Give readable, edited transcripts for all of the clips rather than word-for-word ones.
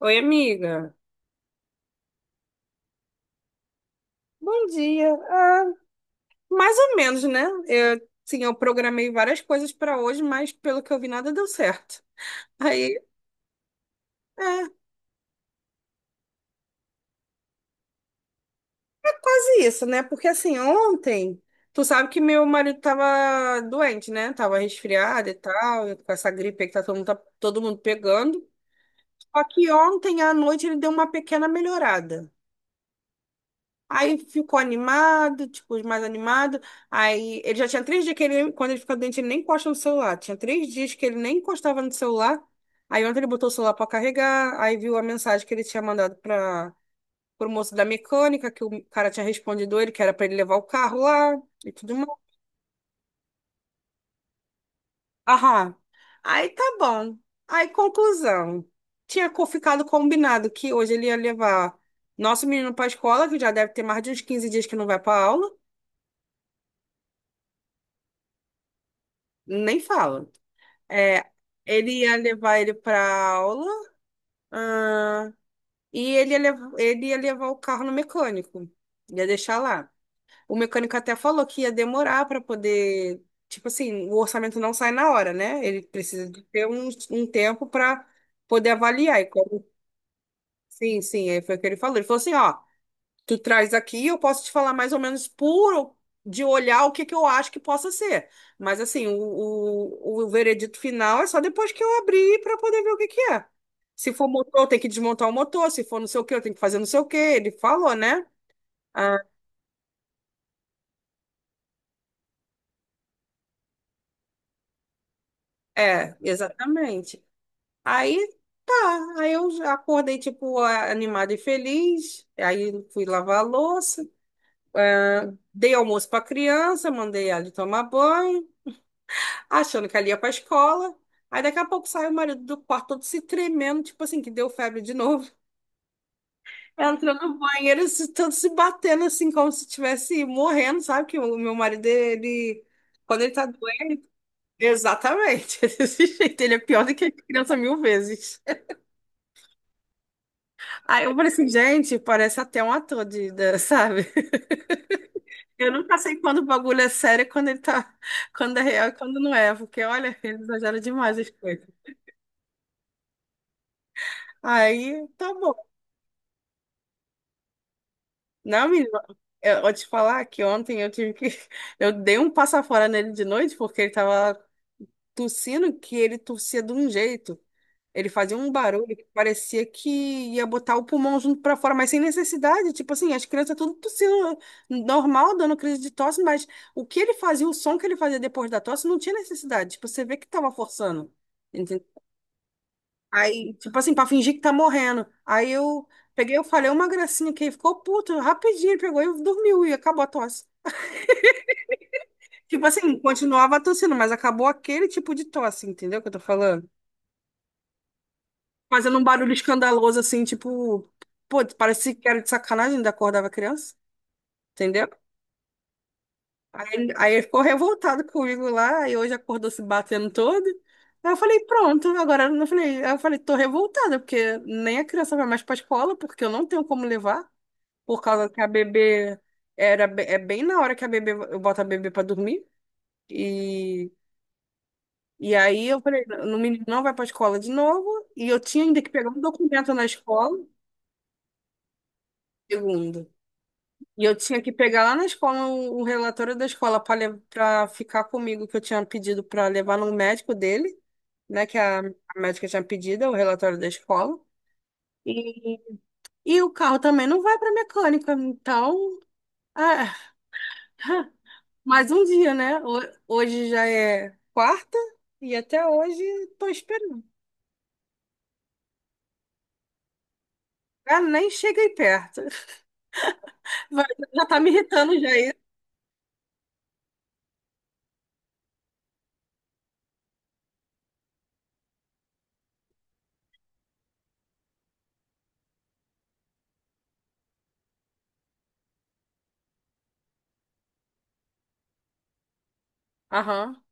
Oi, amiga. Bom dia. Mais ou menos, né? Sim, eu programei várias coisas para hoje, mas pelo que eu vi, nada deu certo. Aí, é, é quase isso, né? Porque assim, ontem, tu sabe que meu marido tava doente, né? Tava resfriado e tal, com essa gripe aí que tá todo mundo pegando. Só que ontem à noite ele deu uma pequena melhorada. Aí ficou animado, tipo, mais animado. Aí ele já tinha três dias que ele, quando ele fica doente, ele nem encosta no celular. Tinha três dias que ele nem encostava no celular. Aí ontem ele botou o celular para carregar, aí viu a mensagem que ele tinha mandado para o moço da mecânica, que o cara tinha respondido ele, que era para ele levar o carro lá e tudo mais. Aham. Aí tá bom. Aí, conclusão. Ficado combinado que hoje ele ia levar nosso menino para a escola, que já deve ter mais de uns 15 dias que não vai para aula. Nem fala. É, ele ia levar ele para aula, ah, e ele ia, ele ia levar o carro no mecânico, ia deixar lá. O mecânico até falou que ia demorar para poder, tipo assim, o orçamento não sai na hora, né? Ele precisa de ter um tempo para poder avaliar. E como- sim, sim, aí foi o que ele falou. Ele falou assim, ó, tu traz aqui, e eu posso te falar mais ou menos puro de olhar o que que eu acho que possa ser. Mas assim, o veredito final é só depois que eu abrir para poder ver o que que é. Se for motor, eu tenho que desmontar o motor, se for não sei o que, eu tenho que fazer não sei o que. Ele falou, né? Ah, é, exatamente. Aí tá, aí eu já acordei tipo animada e feliz. Aí fui lavar a louça, dei almoço para criança, mandei ela tomar banho. Achando que ali ia pra escola. Aí daqui a pouco sai o marido do quarto todo se tremendo, tipo assim, que deu febre de novo. Entrou no banheiro, se, todo se batendo assim, como se estivesse morrendo, sabe? Que o meu marido, ele. Quando ele tá doente. Exatamente, desse jeito. Ele é pior do que criança mil vezes. Aí eu falei assim, gente, parece até um ator de, sabe? Eu nunca sei quando o bagulho é sério, e quando ele tá. Quando é real e quando não é. Porque, olha, ele exagera demais as coisas. Aí, tá bom. Não, menina, eu vou te falar que ontem eu tive que. Eu dei um passa fora nele de noite porque ele tava tossindo que ele tossia de um jeito. Ele fazia um barulho que parecia que ia botar o pulmão junto pra fora, mas sem necessidade. Tipo assim, as crianças tudo tossindo normal, dando crise de tosse, mas o que ele fazia, o som que ele fazia depois da tosse, não tinha necessidade. Tipo, você vê que tava forçando. Aí, tipo assim, pra fingir que tá morrendo. Aí eu peguei, eu falei uma gracinha que ele ficou puto, rapidinho, ele pegou e dormiu e acabou a tosse. Tipo assim, continuava tossindo, mas acabou aquele tipo de tosse, entendeu o que eu tô falando? Fazendo um barulho escandaloso, assim, tipo, pô, parece que era de sacanagem, ainda acordava criança, entendeu? Aí ele ficou revoltado comigo lá, e hoje acordou se batendo todo. Aí eu falei, pronto, agora eu não falei, aí eu falei, tô revoltada, porque nem a criança vai mais pra escola, porque eu não tenho como levar. Por causa que a bebê era é bem na hora que a bebê eu boto a bebê para dormir e aí eu falei, o menino não vai para escola de novo e eu tinha ainda que pegar um documento na escola, segundo. E eu tinha que pegar lá na escola um relatório da escola para ficar comigo que eu tinha pedido para levar no médico dele, né, que a médica tinha pedido o relatório da escola. E, e o carro também não vai para mecânica, então, ah, mais um dia, né? Hoje já é quarta e até hoje tô esperando. Ah, nem cheguei perto. Vai- Já tá me irritando já isso. Aham.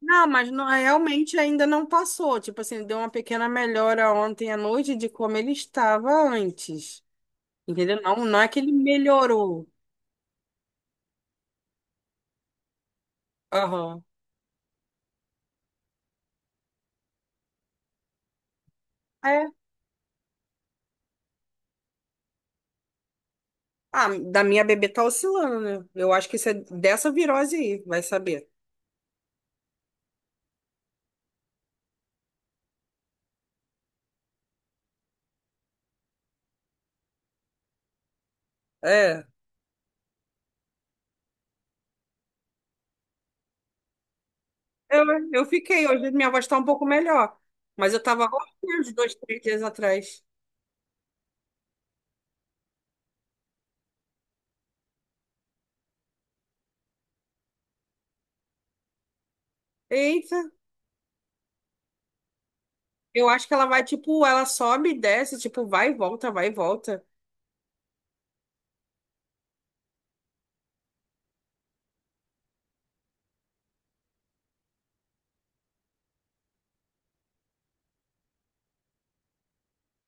Não, mas não- realmente ainda não passou. Tipo assim, deu uma pequena melhora ontem à noite de como ele estava antes. Entendeu? Não, não é que ele melhorou. Aham. É. Ah, da minha bebê tá oscilando, né? Eu acho que isso é dessa virose aí, vai saber. É. Eu, eu fiquei, hoje minha voz está um pouco melhor. Mas eu tava rouquinha uns dois, três dias atrás. Eita, eu acho que ela vai, tipo, ela sobe e desce, tipo, vai e volta, vai e volta.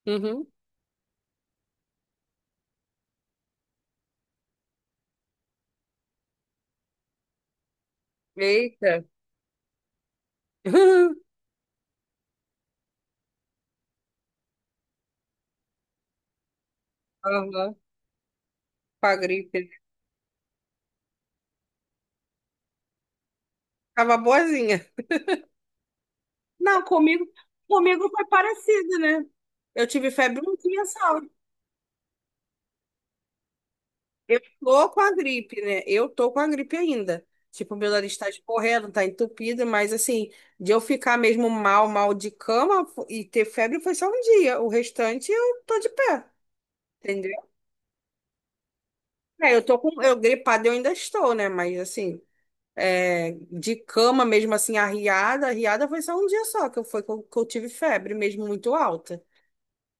Uhum. Eita. Aham, com a gripe. Tava boazinha. Não, comigo, comigo foi parecido, né? Eu tive febre um dia só. Eu tô com a gripe, né? Eu tô com a gripe ainda. Tipo, meu nariz tá escorrendo, tá entupido, mas assim, de eu ficar mesmo mal, mal de cama e ter febre foi só um dia. O restante eu tô de pé, entendeu? É, eu tô com. Eu gripada eu ainda estou, né? Mas assim, é, de cama mesmo assim, arriada, arriada foi só um dia só que eu, foi, que eu tive febre mesmo muito alta.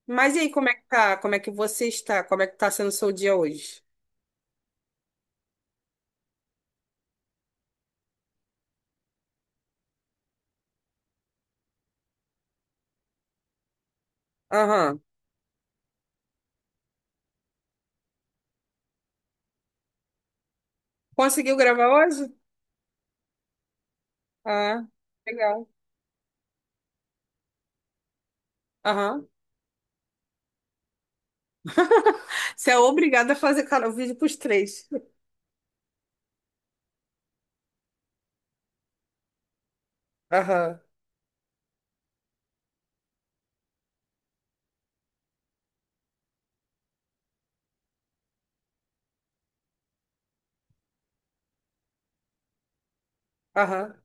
Mas e aí, como é que tá? Como é que você está? Como é que tá sendo o seu dia hoje? Aham. Conseguiu gravar hoje? Ah. Legal. Aham. Você é obrigada a fazer cara, o vídeo pros três. Aham. Aham.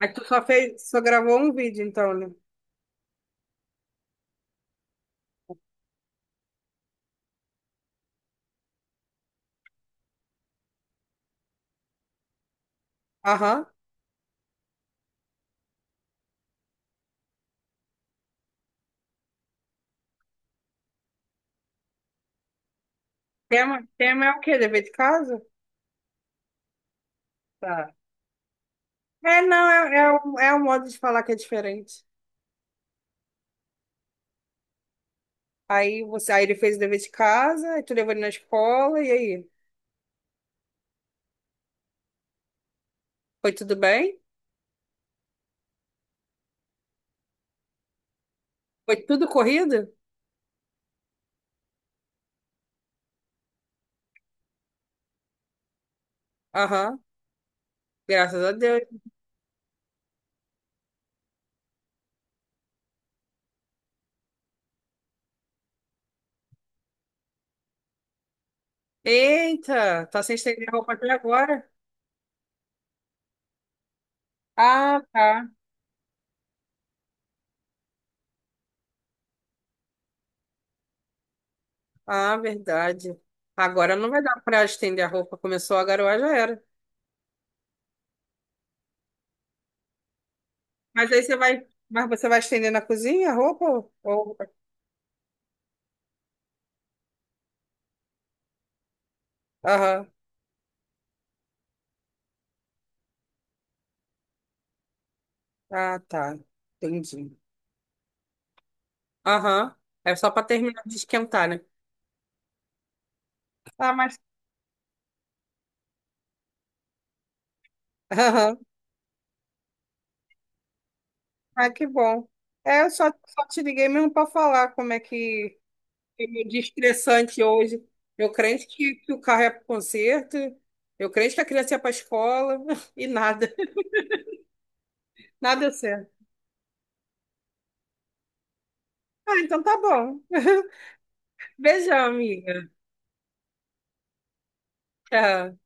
Mas tu só fez, só gravou um vídeo, então, né? Aham. Tema, tema é o quê? Dever de casa? Tá. É, não, é um modo de falar que é diferente. Aí você, aí ele fez o dever de casa, aí tu levou ele na escola, e aí? Foi tudo bem? Foi tudo corrido? Aham. Graças a Deus. Eita, tá sem estender a roupa até agora. Ah, tá. Ah, verdade. Agora não vai dar para estender a roupa. Começou a garoar, já era. Mas aí você vai, mas você vai estender na cozinha a roupa? Ou... Aham. Ah, tá. Entendi. Aham. É só para terminar de esquentar, né? Ah, mas. Aham. Ah, que bom. Só te liguei mesmo para falar como é que foi meu dia estressante hoje. Eu crente que o carro é para conserto, eu crente que a criança ia para escola e nada. Nada deu certo. Ah, então tá bom. Beijão, amiga. Tchau.